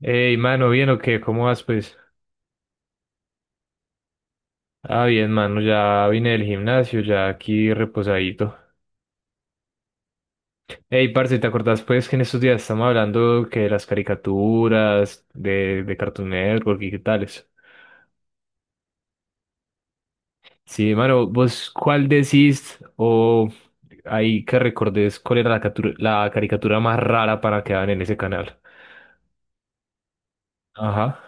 Hey mano, ¿bien o qué? ¿Cómo vas, pues? Ah, bien, mano, ya vine del gimnasio, ya aquí reposadito. Hey parce, ¿te acordás, pues, que en estos días estamos hablando que de las caricaturas, de Cartoon Network y qué tales? Sí, mano, ¿vos cuál decís o ahí que recordes cuál era la, la caricatura más rara para que daban en ese canal? Ajá.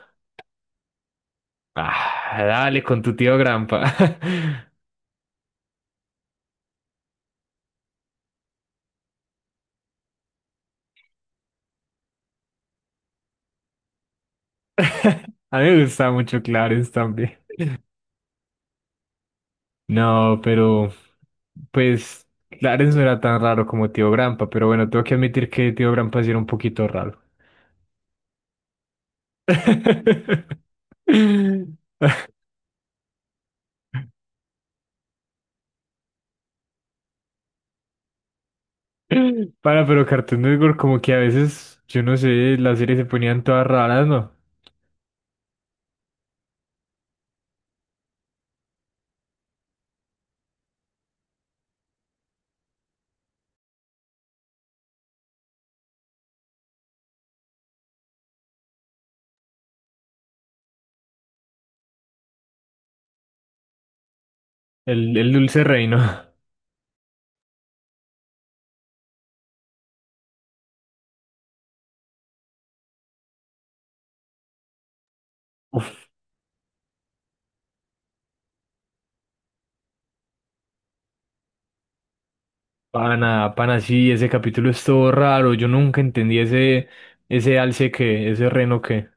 Ah, dale, con tu tío Grampa. A mí me gustaba mucho Clarence también. No, pero pues Clarence no era tan raro como Tío Grampa, pero bueno, tengo que admitir que Tío Grampa sí era un poquito raro. Para, pero Cartoon Network como que a veces, yo no sé, las series se ponían todas raras, ¿no? El Dulce Reino. Uf, pana, pana, sí, ese capítulo es todo raro. Yo nunca entendí ese alce que, ese reno que.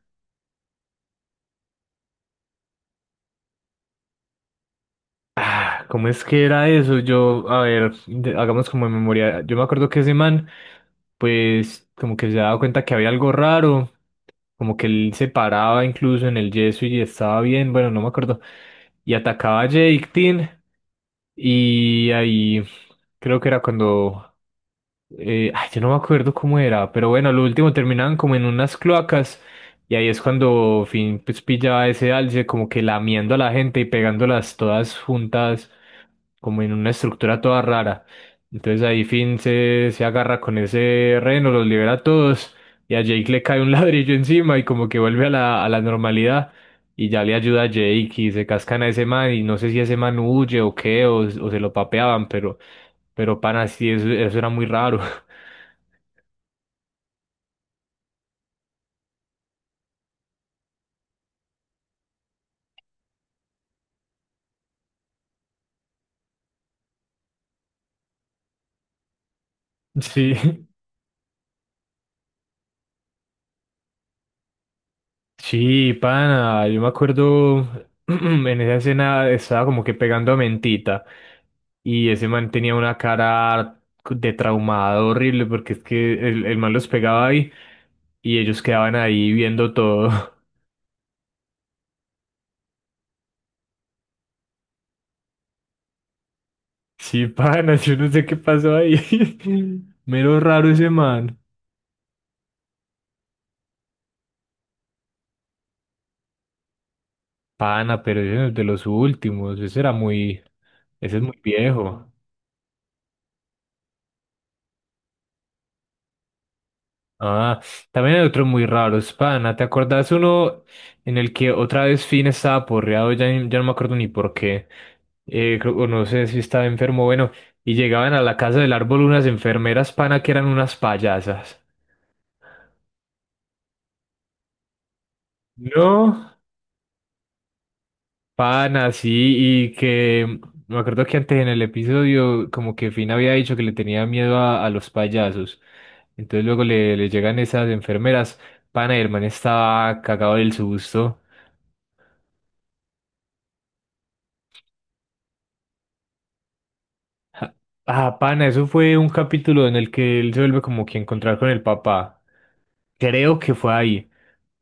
Ah, ¿cómo es que era eso? Yo, a ver, hagamos como en memoria. Yo me acuerdo que ese man pues como que se daba cuenta que había algo raro, como que él se paraba incluso en el yeso y estaba bien, bueno, no me acuerdo, y atacaba a Jake Tin y ahí creo que era cuando, yo no me acuerdo cómo era, pero bueno, lo último terminaban como en unas cloacas y ahí es cuando Finn pues pillaba ese alce como que lamiendo a la gente y pegándolas todas juntas como en una estructura toda rara. Entonces ahí Finn se agarra con ese reno, los libera a todos y a Jake le cae un ladrillo encima y como que vuelve a a la normalidad y ya le ayuda a Jake y se cascan a ese man y no sé si ese man huye o qué o se lo papeaban, pero pana, sí, eso era muy raro. Sí. Sí, pana, yo me acuerdo en esa escena estaba como que pegando a mentita y ese man tenía una cara de traumado horrible porque es que el man los pegaba ahí y ellos quedaban ahí viendo todo. Sí, pana, yo no sé qué pasó ahí. Mero raro ese man. Pana, pero ese no es de los últimos, ese era muy, ese es muy viejo. Ah, también hay otros muy raros, pana. ¿Te acordás uno en el que otra vez Finn estaba porreado? Ya, ya no me acuerdo ni por qué. O no sé si estaba enfermo, bueno. Y llegaban a la casa del árbol unas enfermeras, pana, que eran unas payasas. No, pana, sí, y que me acuerdo que antes en el episodio, como que Finn había dicho que le tenía miedo a los payasos. Entonces luego le llegan esas enfermeras, pana, y el man estaba cagado del susto. Ah, pana, eso fue un capítulo en el que él se vuelve como que a encontrar con el papá. Creo que fue ahí.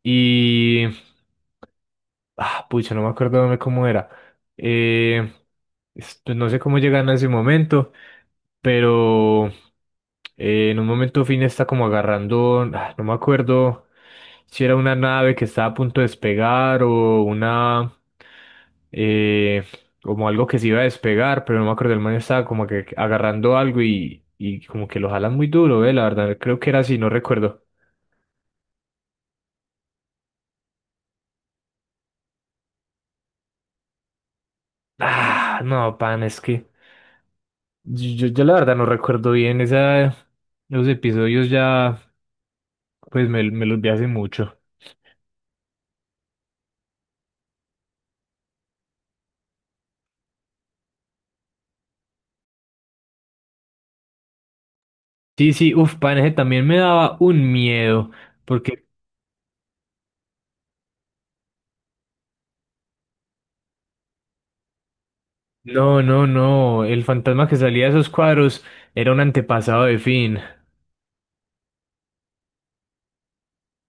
Y ah, pucha, no me acuerdo cómo era. Eh, pues no sé cómo llegan a ese momento, pero en un momento Finn está como agarrando, ah, no me acuerdo si era una nave que estaba a punto de despegar o una, eh, como algo que se iba a despegar, pero no me acuerdo, el man estaba como que agarrando algo y como que lo jalan muy duro, la verdad, creo que era así, no recuerdo. Ah, no, pan, es que... Yo la verdad no recuerdo bien esa, los episodios ya, pues me los vi hace mucho. Sí, sí, uff, pan, ese también me daba un miedo, porque no, no, no, el fantasma que salía de esos cuadros era un antepasado de Finn.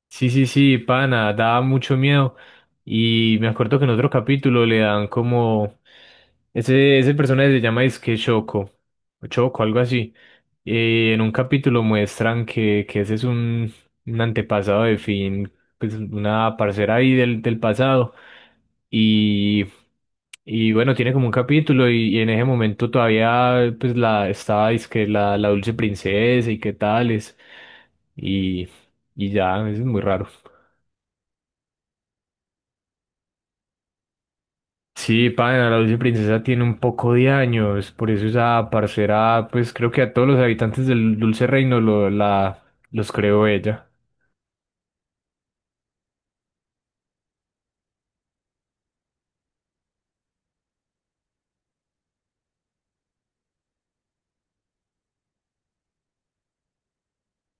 Sí, sí, sí, pana, daba mucho miedo. Y me acuerdo que en otro capítulo le dan como... Ese personaje se llama Disque Choco, o Choco, algo así. Y en un capítulo muestran que ese es un antepasado de Finn, pues una parcera ahí del pasado. Y, y bueno, tiene como un capítulo y en ese momento todavía pues la estaba, que la dulce princesa y qué tales. Y ya, eso es muy raro. Sí, pana, la dulce princesa tiene un poco de años, por eso esa parcera, pues creo que a todos los habitantes del dulce reino los creó ella.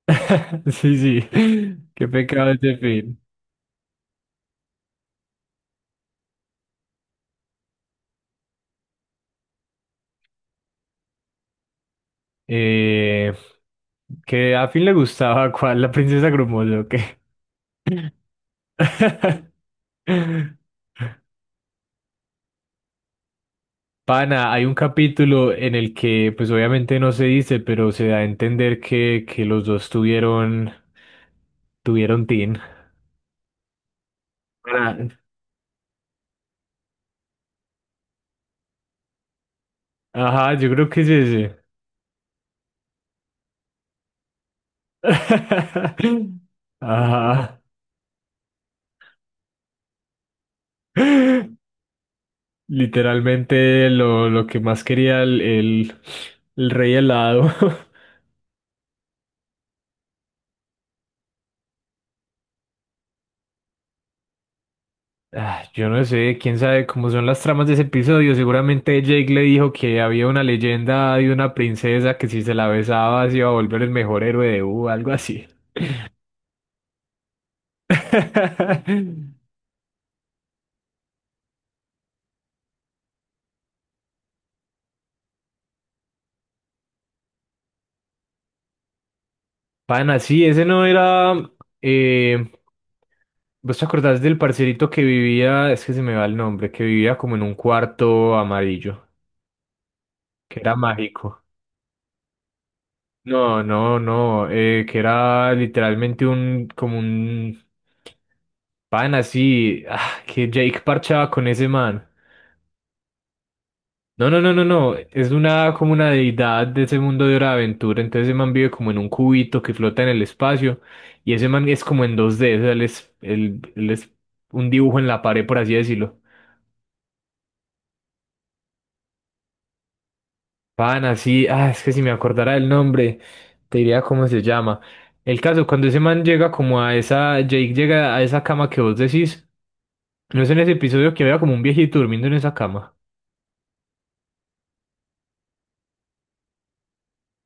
Sí, sí, qué pecado ese fin. Eh, que a Finn le gustaba, ¿cuál? La princesa Grumoso, ¿o qué? Pana, hay un capítulo en el que, pues obviamente no se dice, pero se da a entender que los dos tuvieron, tuvieron teen. Pana, ajá, yo creo que es ese. Ajá. Literalmente lo que más quería el rey helado. Ah, yo no sé, quién sabe cómo son las tramas de ese episodio. Seguramente Jake le dijo que había una leyenda de una princesa que si se la besaba se iba a volver el mejor héroe de U, algo así. Pana, sí, ese no era. eh, ¿Vos te acordás del parcerito que vivía? Es que se me va el nombre, que vivía como en un cuarto amarillo, que era mágico. No, no, no, que era literalmente como un, pana, sí, ah, que Jake parchaba con ese man. No, no, no, no, no. Es una como una deidad de ese mundo de hora de aventura. Entonces ese man vive como en un cubito que flota en el espacio. Y ese man es como en 2D. O sea, él es un dibujo en la pared, por así decirlo. Pana, sí, ah, es que si me acordara el nombre, te diría cómo se llama. El caso, cuando ese man llega como a esa, Jake llega a esa cama que vos decís, no es en ese episodio que había como un viejito durmiendo en esa cama.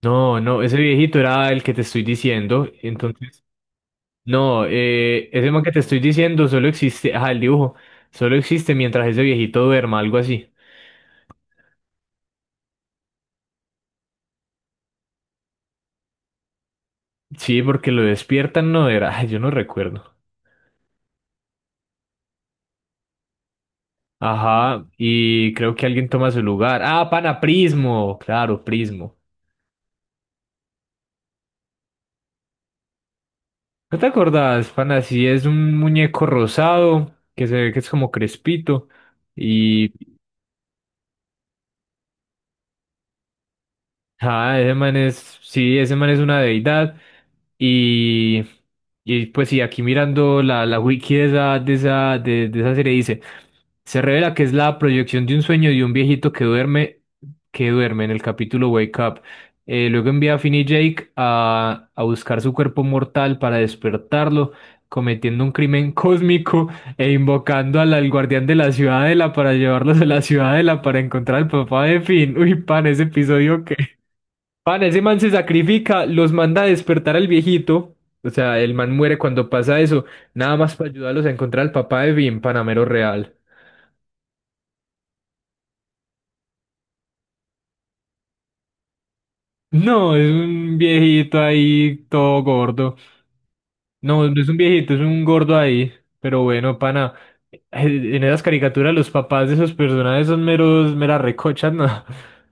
No, no, ese viejito era el que te estoy diciendo. Entonces, no, ese man que te estoy diciendo solo existe, ajá, el dibujo, solo existe mientras ese viejito duerma, algo así. Sí, porque lo despiertan, no era, ay, yo no recuerdo. Ajá, y creo que alguien toma su lugar. Ah, pana Prismo, claro, Prismo. ¿No te acordás, pana? Sí, es un muñeco rosado que se ve que es como crespito. Ah, ese man es, sí, ese man es una deidad. Y, y pues sí, aquí mirando la wiki de esa, de esa, de esa serie dice, se revela que es la proyección de un sueño de un viejito que duerme en el capítulo Wake Up. Luego envía a Finn y Jake a buscar su cuerpo mortal para despertarlo, cometiendo un crimen cósmico e invocando al guardián de la ciudadela para llevarlos a la ciudadela para encontrar al papá de Finn. Uy, pan, ese episodio que... Pan, ese man se sacrifica, los manda a despertar al viejito. O sea, el man muere cuando pasa eso. Nada más para ayudarlos a encontrar al papá de Vin, Panamero Real. No, es un viejito ahí todo gordo. No, no es un viejito, es un gordo ahí. Pero bueno, pana, en esas caricaturas los papás de esos personajes son meros, meras recochas, ¿no?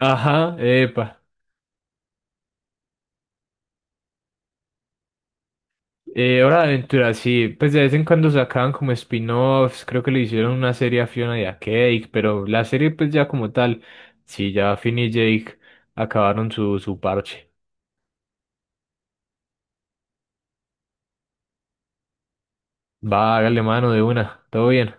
Ajá, epa. Hora de Aventura, sí, pues de vez en cuando sacaban como spin-offs, creo que le hicieron una serie a Fiona y a Cake, pero la serie pues ya como tal, sí, ya Finn y Jake acabaron su, su parche. Va, hágale mano de una, todo bien.